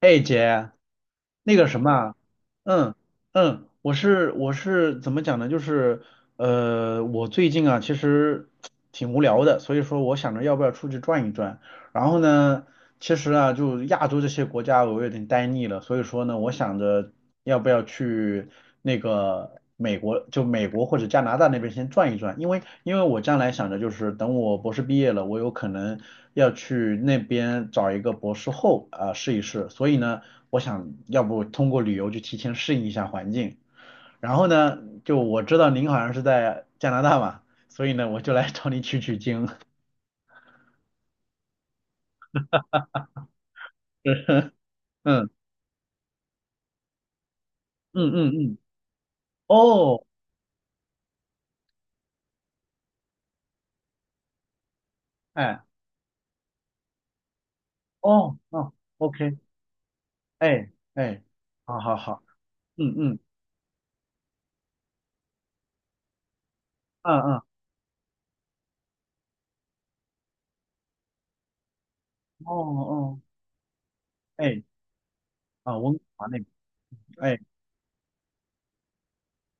哎姐，那个什么啊。嗯嗯，我是怎么讲呢？就是我最近啊其实挺无聊的，所以说我想着要不要出去转一转。然后呢，其实啊就亚洲这些国家我有点呆腻了，所以说呢，我想着要不要去那个美国，就美国或者加拿大那边先转一转，因为我将来想着就是等我博士毕业了，我有可能要去那边找一个博士后啊、试一试，所以呢。我想要不通过旅游去提前适应一下环境。然后呢，就我知道您好像是在加拿大嘛，所以呢，我就来找你取取经。嗯嗯嗯嗯。哦。哎。哦哦。OK。哎哎。好好好。嗯嗯嗯嗯。哦哦。哎。啊，温哥华那边。哎。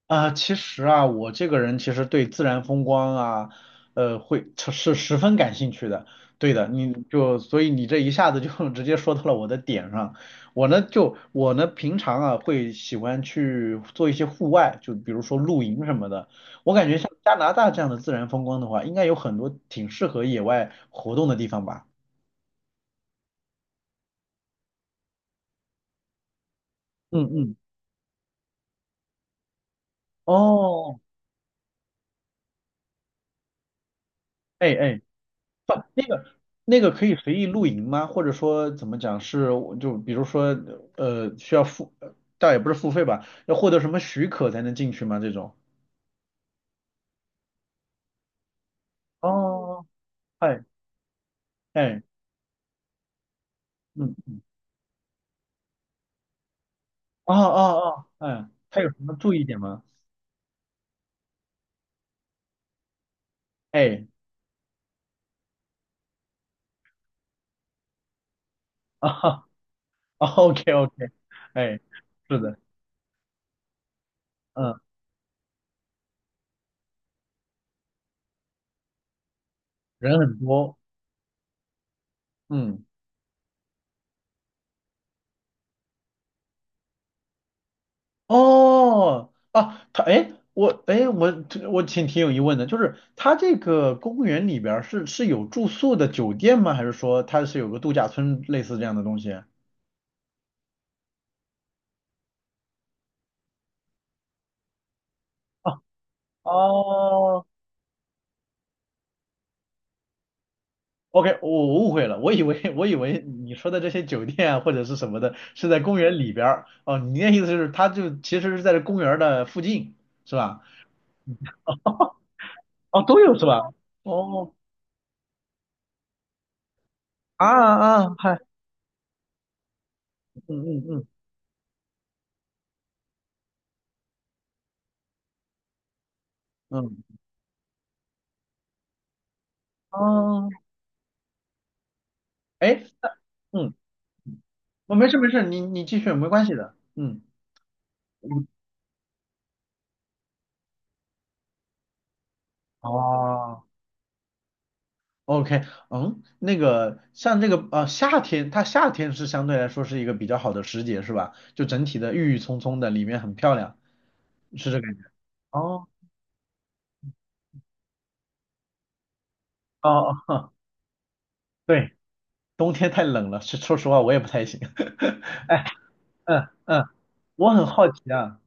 啊，其实啊，我这个人其实对自然风光啊，会是十分感兴趣的。对的，你就所以你这一下子就 直接说到了我的点上。我呢就我呢平常啊会喜欢去做一些户外，就比如说露营什么的。我感觉像加拿大这样的自然风光的话，应该有很多挺适合野外活动的地方吧。嗯嗯。哦。哎哎。不，那个可以随意露营吗？或者说怎么讲是就比如说需要付，倒也不是付费吧，要获得什么许可才能进去吗？这种？哦。哎哎。嗯。哦哦哦。哎，他有什么注意点吗？哎。啊，OK OK。哎。是的。嗯。人很多。嗯。哦，啊，他哎，我哎，我我挺挺有疑问的，就是他这个公园里边儿是有住宿的酒店吗？还是说它是有个度假村类似这样的东西？哦哦，OK，我误会了，我以为你说的这些酒店啊或者是什么的是在公园里边儿，哦，你的意思就是它就其实是在这公园儿的附近是吧？哦，都有是吧？哦。啊啊。嗨。嗯嗯嗯嗯。哦。哎。那嗯哦，没事没事，你继续，没关系的。嗯。哦，OK。嗯，那个像这个夏天，它夏天是相对来说是一个比较好的时节，是吧？就整体的郁郁葱葱的，里面很漂亮，是这感觉。哦哦哦。对。冬天太冷了，是说实话我也不太行。哎。嗯嗯。我很好奇啊。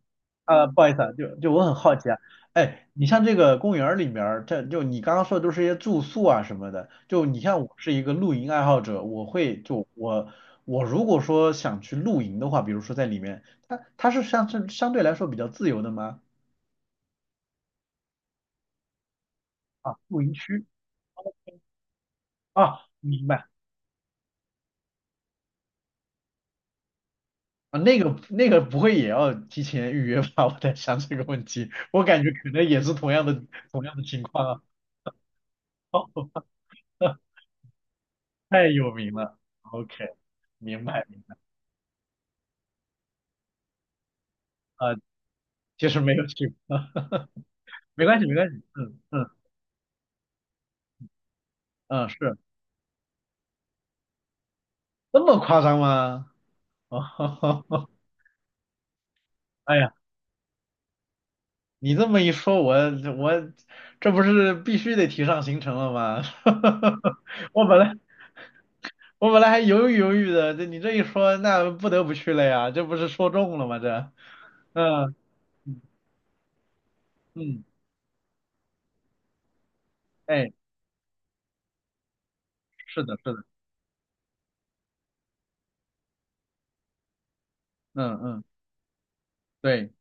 不好意思啊，就我很好奇啊，哎，你像这个公园儿里面儿，这就你刚刚说的都是一些住宿啊什么的，就你像我是一个露营爱好者，我会就我我如果说想去露营的话，比如说在里面，它是相对来说比较自由的吗？啊，露营区。啊，明白。啊，那个不会也要提前预约吧？我在想这个问题，我感觉可能也是同样的情况啊，哦，太有名了，OK，明白明白。啊。其实没有去啊。没关系，没关系。嗯嗯嗯。是这么夸张吗？哦。哎呀，你这么一说，我这不是必须得提上行程了吗？我本来我本来还犹豫犹豫的，这你这一说，那不得不去了呀，这不是说中了吗？这，嗯嗯。哎，是的，是的。嗯嗯。对。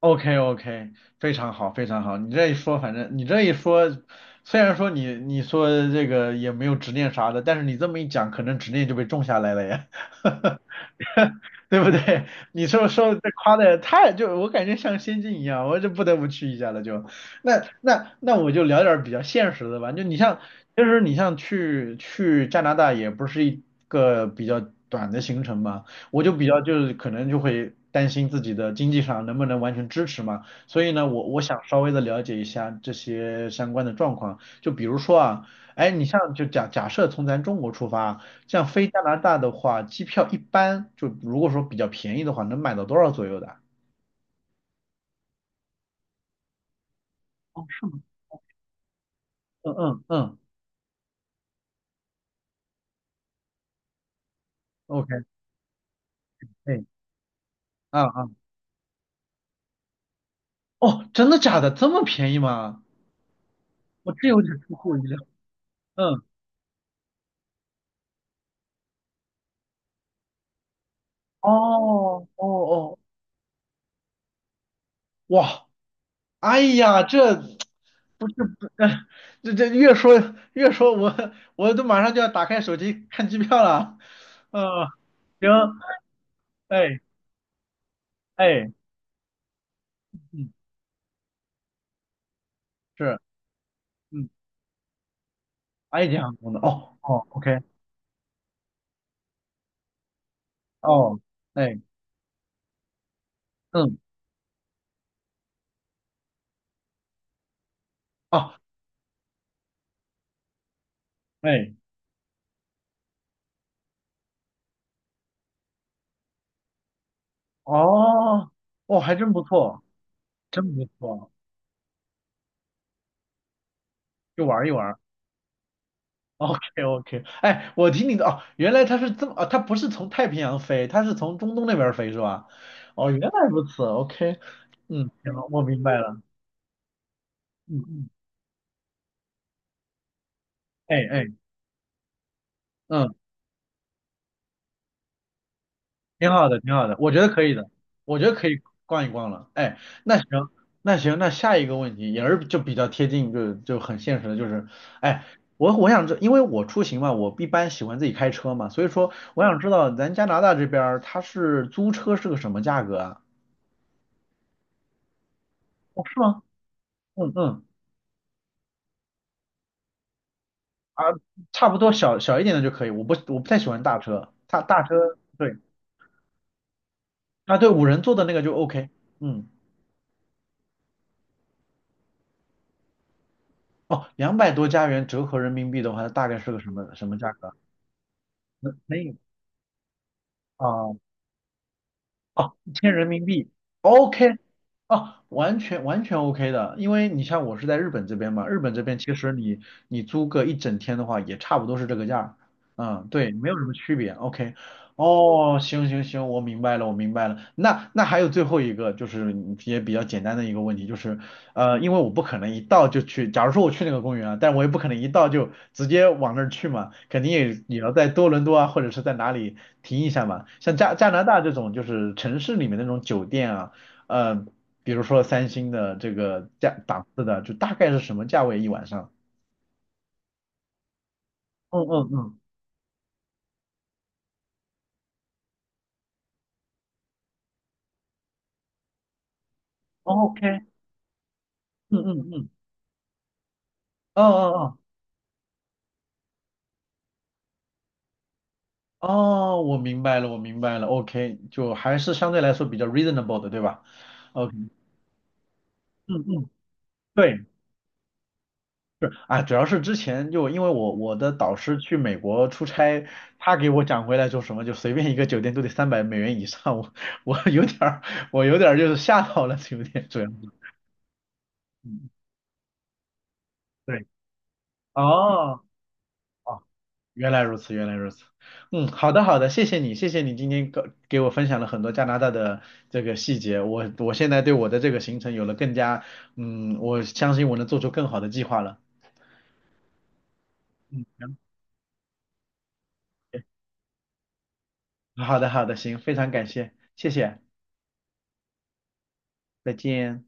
OK OK，非常好，非常好。你这一说，反正你这一说，虽然说你说这个也没有执念啥的，但是你这么一讲，可能执念就被种下来了呀。对不对？你说说的这夸的太就我感觉像仙境一样，我就不得不去一下了就。那我就聊点儿比较现实的吧，就你像其实你像去加拿大也不是一个比较短的行程嘛，我就比较就是可能就会担心自己的经济上能不能完全支持嘛，所以呢我想稍微的了解一下这些相关的状况，就比如说啊，哎你像就假设从咱中国出发。像飞加拿大的话，机票一般就如果说比较便宜的话，能买到多少左右的啊。哦。嗯嗯嗯。OK。哎。啊啊。哦，真的假的？这么便宜吗？我这有点出乎我意料。嗯。哦哦哦。哇。哎呀，这不是不，这越说我都马上就要打开手机看机票了。嗯。行。哎哎。嗯。是。嗯。埃及航空的，哦哦，OK。哦。哎。嗯。哦。哎。哦。哦，还真不错。真不错。就玩一玩。OK OK，哎，我听你的哦，原来它是这么哦，它不是从太平洋飞，它是从中东那边儿飞是吧？哦，原来如此，OK。嗯，行了，我明白了。嗯嗯。哎哎。嗯。挺好的，挺好的，我觉得可以的，我觉得可以逛一逛了。哎，那行，那行，那下一个问题也是就比较贴近，就很现实的，就是，哎，我我想知，因为我出行嘛，我一般喜欢自己开车嘛，所以说我想知道咱加拿大这边儿它是租车是个什么价格啊？哦，是吗？嗯嗯。啊，差不多小小一点的就可以，我不太喜欢大车，大车，对。啊对，5人座的那个就 OK。嗯。哦，200多加元折合人民币的话，大概是个什么价格啊。可以。啊。哦，1000人民币，OK。啊，完全 OK 的，因为你像我是在日本这边嘛，日本这边其实你租个一整天的话，也差不多是这个价儿。嗯，对，没有什么区别，OK。哦，行行行，我明白了，我明白了，那还有最后一个就是也比较简单的一个问题，就是因为我不可能一到就去，假如说我去那个公园啊，但我也不可能一到就直接往那儿去嘛，肯定也要在多伦多啊，或者是在哪里停一下嘛。像加拿大这种就是城市里面那种酒店啊，呃，比如说三星的这个价档次的，就大概是什么价位一晚上？嗯嗯嗯。OK。嗯嗯嗯。哦哦哦哦，我明白了，我明白了，OK，就还是相对来说比较 reasonable 的，对吧？OK。嗯嗯。对。是啊，主要是之前就因为我的导师去美国出差，他给我讲回来说什么，就随便一个酒店都得300美元以上，我有点儿我有点儿就是吓到了，有点主要是。嗯。对。哦哦，原来如此，原来如此。嗯，好的好的，谢谢你，谢谢你今天给我分享了很多加拿大的这个细节，我现在对我的这个行程有了更加，嗯，我相信我能做出更好的计划了。嗯，好的好的，行，非常感谢，谢谢，再见。